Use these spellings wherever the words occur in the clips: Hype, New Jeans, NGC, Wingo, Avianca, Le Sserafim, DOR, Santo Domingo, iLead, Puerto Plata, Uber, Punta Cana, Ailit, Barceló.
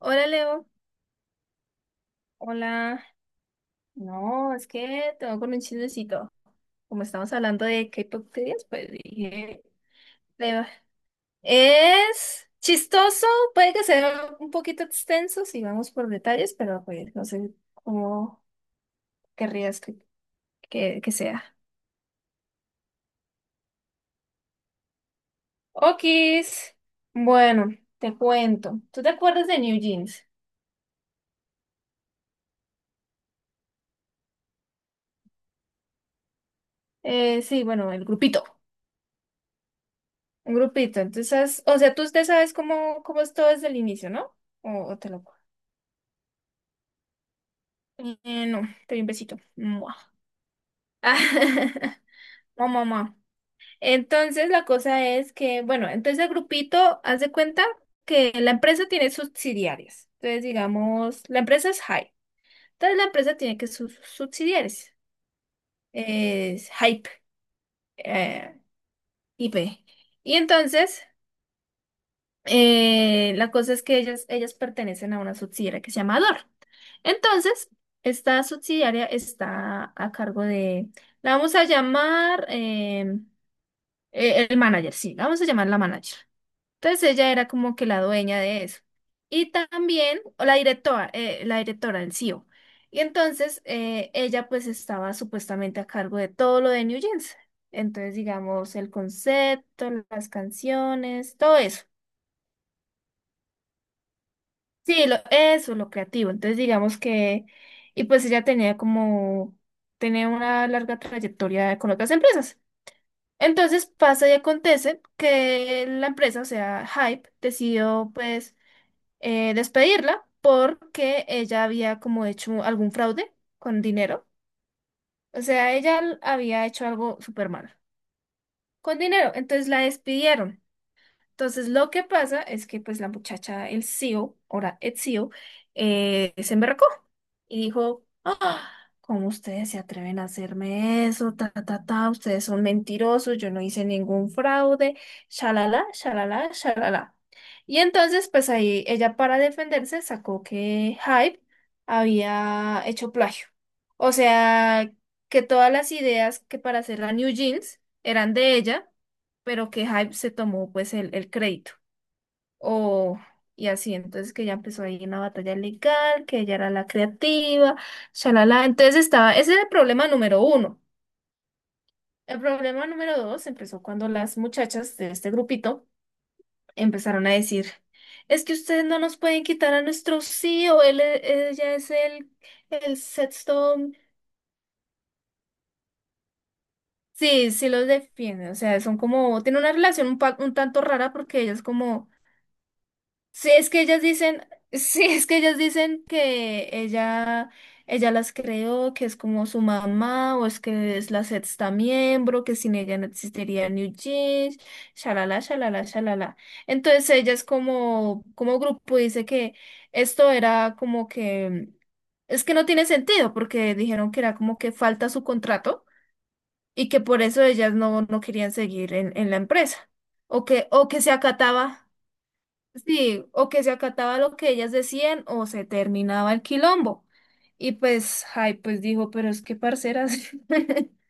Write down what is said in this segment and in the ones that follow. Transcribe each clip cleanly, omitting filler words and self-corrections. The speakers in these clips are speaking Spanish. Hola Leo, hola. No, es que tengo con un chismecito. Como estamos hablando de K-pop teorías, pues dije, Leo, es chistoso, puede que sea un poquito extenso si vamos por detalles, pero pues no sé cómo querrías que sea. Okis. Bueno, te cuento. ¿Tú te acuerdas de New Jeans? Sí, bueno, el grupito. Un grupito. Entonces, o sea, tú usted sabes cómo es todo desde el inicio, ¿no? O te lo No, te doy un besito. Mua. Mua, mua, mua. Entonces la cosa es que, bueno, entonces el grupito, haz de cuenta que la empresa tiene subsidiarias. Entonces, digamos, la empresa es Hype. Entonces la empresa tiene que sus subsidiarias. Es Hype, eh, IP. Y entonces, la cosa es que ellas pertenecen a una subsidiaria que se llama DOR. Entonces, esta subsidiaria está a cargo de, la vamos a llamar el manager, sí, la vamos a llamar la manager. Entonces, ella era como que la dueña de eso. Y también o la directora del CEO. Y entonces, ella pues estaba supuestamente a cargo de todo lo de New Jeans. Entonces, digamos, el concepto, las canciones, todo eso. Sí, lo, eso, lo creativo. Entonces, digamos que, y pues ella tenía como, tenía una larga trayectoria con otras empresas. Entonces pasa y acontece que la empresa, o sea, Hype, decidió pues despedirla porque ella había como hecho algún fraude con dinero. O sea, ella había hecho algo súper malo con dinero. Entonces la despidieron. Entonces, lo que pasa es que pues la muchacha, el CEO, ahora ex CEO, se emberracó y dijo, ah, ¿cómo ustedes se atreven a hacerme eso? Ta, ta, ta, ustedes son mentirosos, yo no hice ningún fraude, shalala, shalala, shalala. Y entonces, pues ahí ella para defenderse sacó que Hype había hecho plagio. O sea, que todas las ideas que para hacer la New Jeans eran de ella pero que Hype se tomó pues el crédito. O, y así, entonces que ya empezó ahí una batalla legal, que ella era la creativa, shalala. Entonces estaba, ese era el problema número uno. El problema número dos empezó cuando las muchachas de este grupito empezaron a decir, es que ustedes no nos pueden quitar a nuestro C E o él, e- ella es el sexto. Sí, sí los defiende, o sea, son como, tiene una relación un, pa- un tanto rara porque ella es como Sí, es que ellas dicen, sí, es que ellas dicen que ella las creó, que es como su mamá, o es que es la sexta miembro, que sin ella no existiría New Jeans, shalala, shalala, shalala. Entonces ellas como, como grupo dice que esto era como que, es que no tiene sentido, porque dijeron que era como que falta su contrato y que por eso ellas no querían seguir en la empresa, o que se acataba. Sí, o que se acataba lo que ellas decían o se terminaba el quilombo. Y pues, ay, pues dijo, pero es que parceras,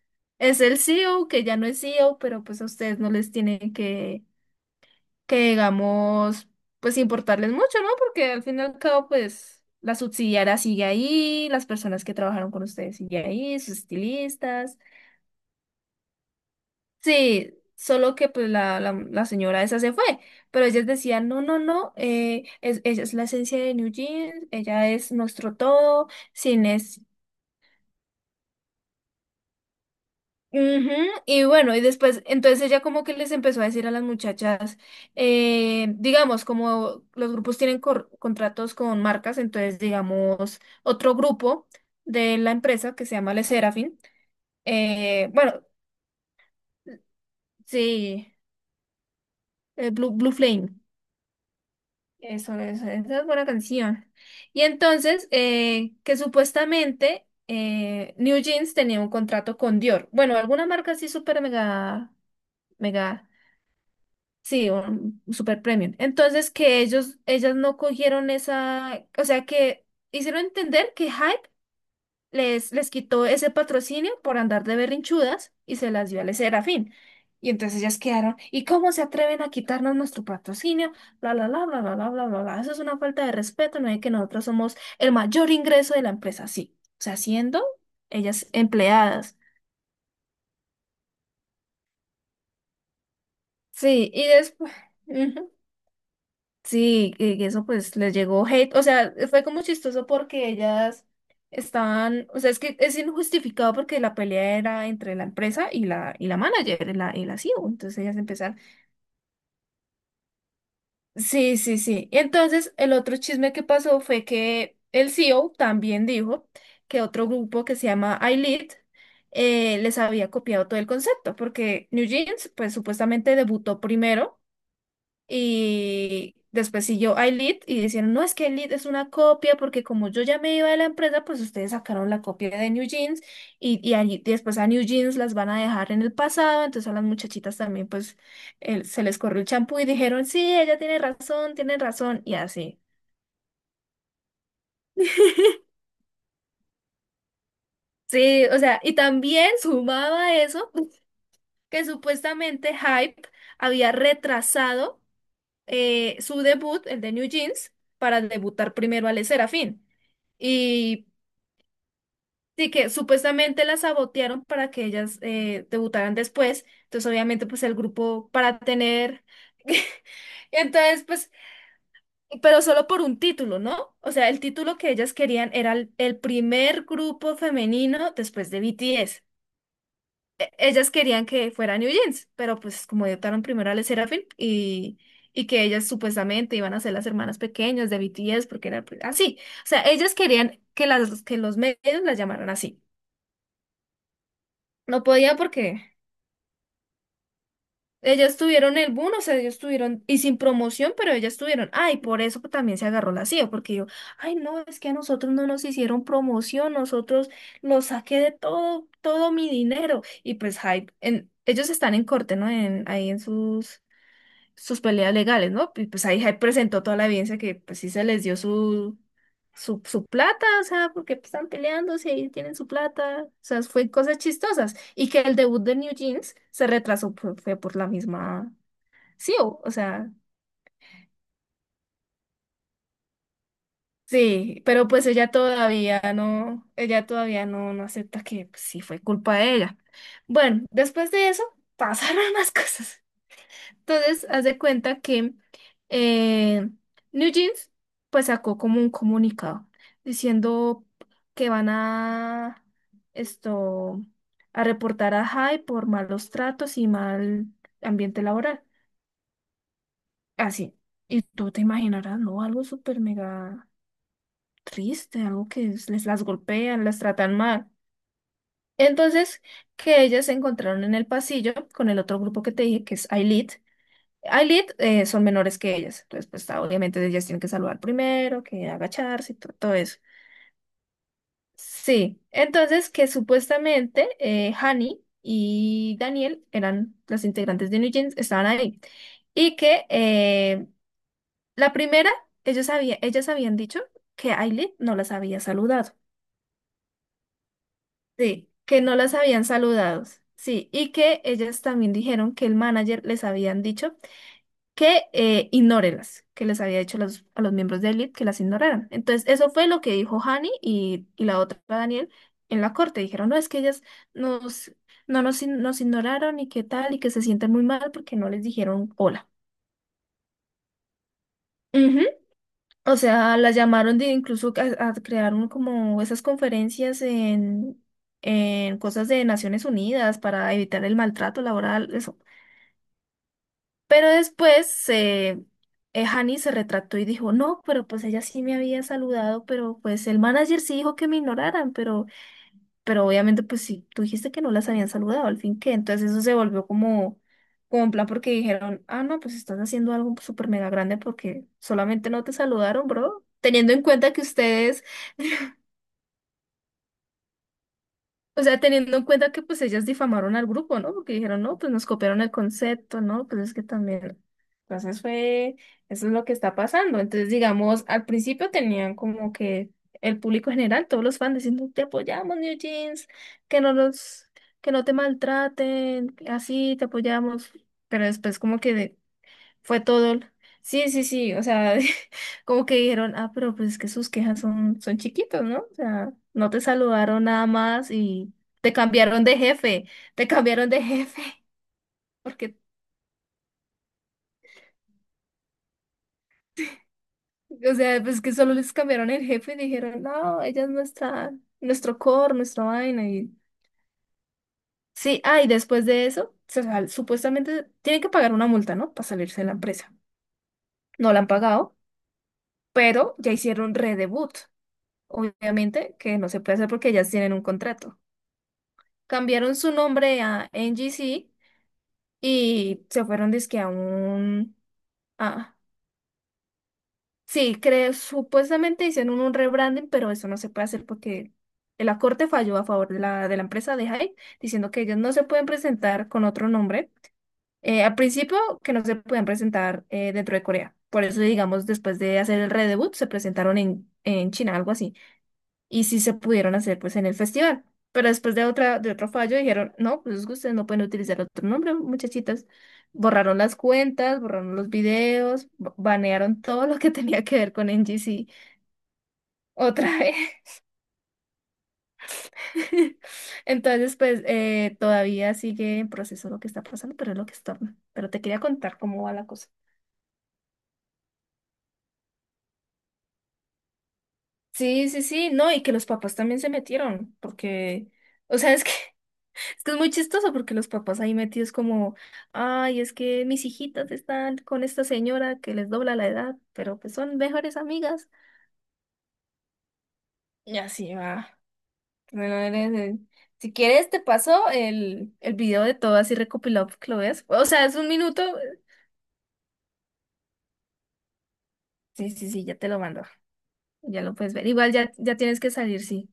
es el CEO que ya no es CEO, pero pues a ustedes no les tienen que digamos, pues importarles mucho, ¿no? Porque al fin y al cabo, pues la subsidiaria sigue ahí, las personas que trabajaron con ustedes sigue ahí, sus estilistas. Sí, solo que pues la señora esa se fue, pero ellas decían, no, no, no, es, ella es la esencia de New Jeans, ella es nuestro todo, sin es... Ujú. Y bueno, y después, entonces ella como que les empezó a decir a las muchachas, digamos, como los grupos tienen cor- contratos con marcas, entonces digamos, otro grupo de la empresa que se llama Le Serafin, bueno, sí, Blue, Blue Flame. Eso, esa es buena canción. Y entonces, que supuestamente New Jeans tenía un contrato con Dior. Bueno, alguna marca así súper mega, mega, sí, un super premium. Entonces, que ellos, ellas no cogieron esa, o sea, que hicieron entender que Hype les, les quitó ese patrocinio por andar de berrinchudas y se las dio al Serafín. Y entonces ellas quedaron, ¿y cómo se atreven a quitarnos nuestro patrocinio? Bla, bla, bla, bla, bla, bla, bla, bla, bla. Eso es una falta de respeto, no es que nosotros somos el mayor ingreso de la empresa, sí. O sea, siendo ellas empleadas. Sí, y después... Sí, y eso pues les llegó hate, o sea, fue como chistoso porque ellas estaban, o sea, es que es injustificado porque la pelea era entre la empresa y la manager, y la CEO, entonces ellas empezaron. Sí, sí, sí. Y entonces el otro chisme que pasó fue que el CEO también dijo que otro grupo que se llama iLead les había copiado todo el concepto, porque New Jeans pues supuestamente debutó primero. Y después siguió iLead y dijeron, no, es que iLead es una copia porque como yo ya me iba de la empresa, pues ustedes sacaron la copia de New Jeans y a después a New Jeans las van a dejar en el pasado. Entonces a las muchachitas también pues se les corrió el champú y dijeron, sí, ella tiene razón y así. Sí, o sea, y también sumaba eso que supuestamente Hype había retrasado su debut, el de New Jeans, para debutar primero al Serafín. Y sí, que supuestamente la sabotearon para que ellas debutaran después. Entonces, obviamente, pues el grupo para tener. Entonces, pues, pero solo por un título, ¿no? O sea, el título que ellas querían era el primer grupo femenino después de BTS. Ellas querían que fuera New Jeans, pero pues como debutaron primero a Le Sserafim y que ellas supuestamente iban a ser las hermanas pequeñas de BTS porque era pues, así. O sea, ellas querían que, las, que los medios las llamaran así. No podía porque ellas tuvieron el boom, o sea, ellos tuvieron, y sin promoción, pero ellas tuvieron, ay, por eso también se agarró la CIA, porque yo, ay, no, es que a nosotros no nos hicieron promoción, nosotros lo saqué de todo, todo mi dinero, y pues hype, en, ellos están en corte, ¿no? En, ahí en sus, sus peleas legales, ¿no? Y pues ahí, ahí presentó toda la evidencia que pues sí se les dio su, su, su plata, o sea, porque pues, están peleándose y tienen su plata, o sea, fue cosas chistosas. Y que el debut de New Jeans se retrasó por, fue por la misma CEO, o sea, sí, pero pues ella todavía no, no acepta que pues, sí fue culpa de ella. Bueno, después de eso pasaron más cosas. Entonces, haz de cuenta que eh, New Jeans pues sacó como un comunicado diciendo que van a esto a reportar a Jai por malos tratos y mal ambiente laboral. Así. Y tú te imaginarás, ¿no? Algo súper mega triste, algo que les las golpean, las tratan mal. Entonces, que ellas se encontraron en el pasillo con el otro grupo que te dije, que es Ailit. Ailit son menores que ellas, entonces pues ah, obviamente ellas tienen que saludar primero, que agacharse y todo, eso. Sí, entonces que supuestamente Hani y Daniel eran las integrantes de New Jeans, estaban ahí. Y que la primera, ellos había, ellas habían dicho que Ailit no las había saludado. Sí, que no las habían saludado. Sí, y que ellas también dijeron que el manager les habían dicho que ignórelas, que les había dicho a los miembros de Elite que las ignoraran. Entonces, eso fue lo que dijo Hani y la otra Daniel en la corte. Dijeron, no, es que ellas nos, no nos, ign- nos ignoraron y qué tal, y que se sienten muy mal porque no les dijeron hola. Ujú. O sea, las llamaron de incluso a crear como esas conferencias en cosas de Naciones Unidas para evitar el maltrato laboral, eso. Pero después Hani se retractó y dijo, no, pero pues ella sí me había saludado, pero pues el manager sí dijo que me ignoraran, pero obviamente pues sí, tú dijiste que no las habían saludado, al fin que, entonces eso se volvió como, como en plan porque dijeron, ah, no, pues estás haciendo algo súper mega grande porque solamente no te saludaron, bro, teniendo en cuenta que ustedes... O sea, teniendo en cuenta que pues ellas difamaron al grupo, ¿no? Porque dijeron, no, pues nos copiaron el concepto, ¿no? Pues es que también. Entonces fue, eso es lo que está pasando. Entonces, digamos, al principio tenían como que el público general, todos los fans diciendo, te apoyamos, New Jeans, que no los que no te maltraten, así te apoyamos. Pero después como que fue todo. Sí, sí, sí, o sea, como que dijeron, ah, pero pues es que sus quejas son, son chiquitos, ¿no? O sea, no te saludaron nada más y te cambiaron de jefe, te cambiaron de jefe, porque, o sea, pues que solo les cambiaron el jefe y dijeron, no, ella es nuestra, nuestro core, nuestra vaina y... Sí, ah, y después de eso, supuestamente tienen que pagar una multa, ¿no? Para salirse de la empresa. No la han pagado, pero ya hicieron redebut. Obviamente que no se puede hacer porque ellas tienen un contrato. Cambiaron su nombre a NGC y se fueron dizque a un... a- sí, creo, supuestamente hicieron un rebranding, pero eso no se puede hacer porque la corte falló a favor de la empresa de Hype, diciendo que ellos no se pueden presentar con otro nombre. Al principio, que no se pueden presentar dentro de Corea. Por eso, digamos, después de hacer el redebut, se presentaron en China, algo así. Y sí se pudieron hacer pues en el festival. Pero después de otra, de otro fallo dijeron, no, pues ustedes no pueden utilizar otro nombre, muchachitas. Borraron las cuentas, borraron los videos, banearon todo lo que tenía que ver con NGC otra vez. Entonces, pues todavía sigue en proceso lo que está pasando, pero es lo que estorba. Pero te quería contar cómo va la cosa. Sí, sí, sí, no, y que los papás también se metieron, porque, o sea, es que es que es muy chistoso porque los papás ahí metidos como, ay, es que mis hijitas están con esta señora que les dobla la edad, pero pues son mejores amigas. Y así va. Bueno, eres, si quieres te paso el video de todo así recopilado porque lo ves. O sea, es un minuto. Sí, sí, sí, ya te lo mando. Ya lo puedes ver. Igual ya, ya tienes que salir, sí.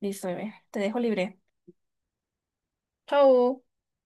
Listo, bebé. Te dejo libre. Chao.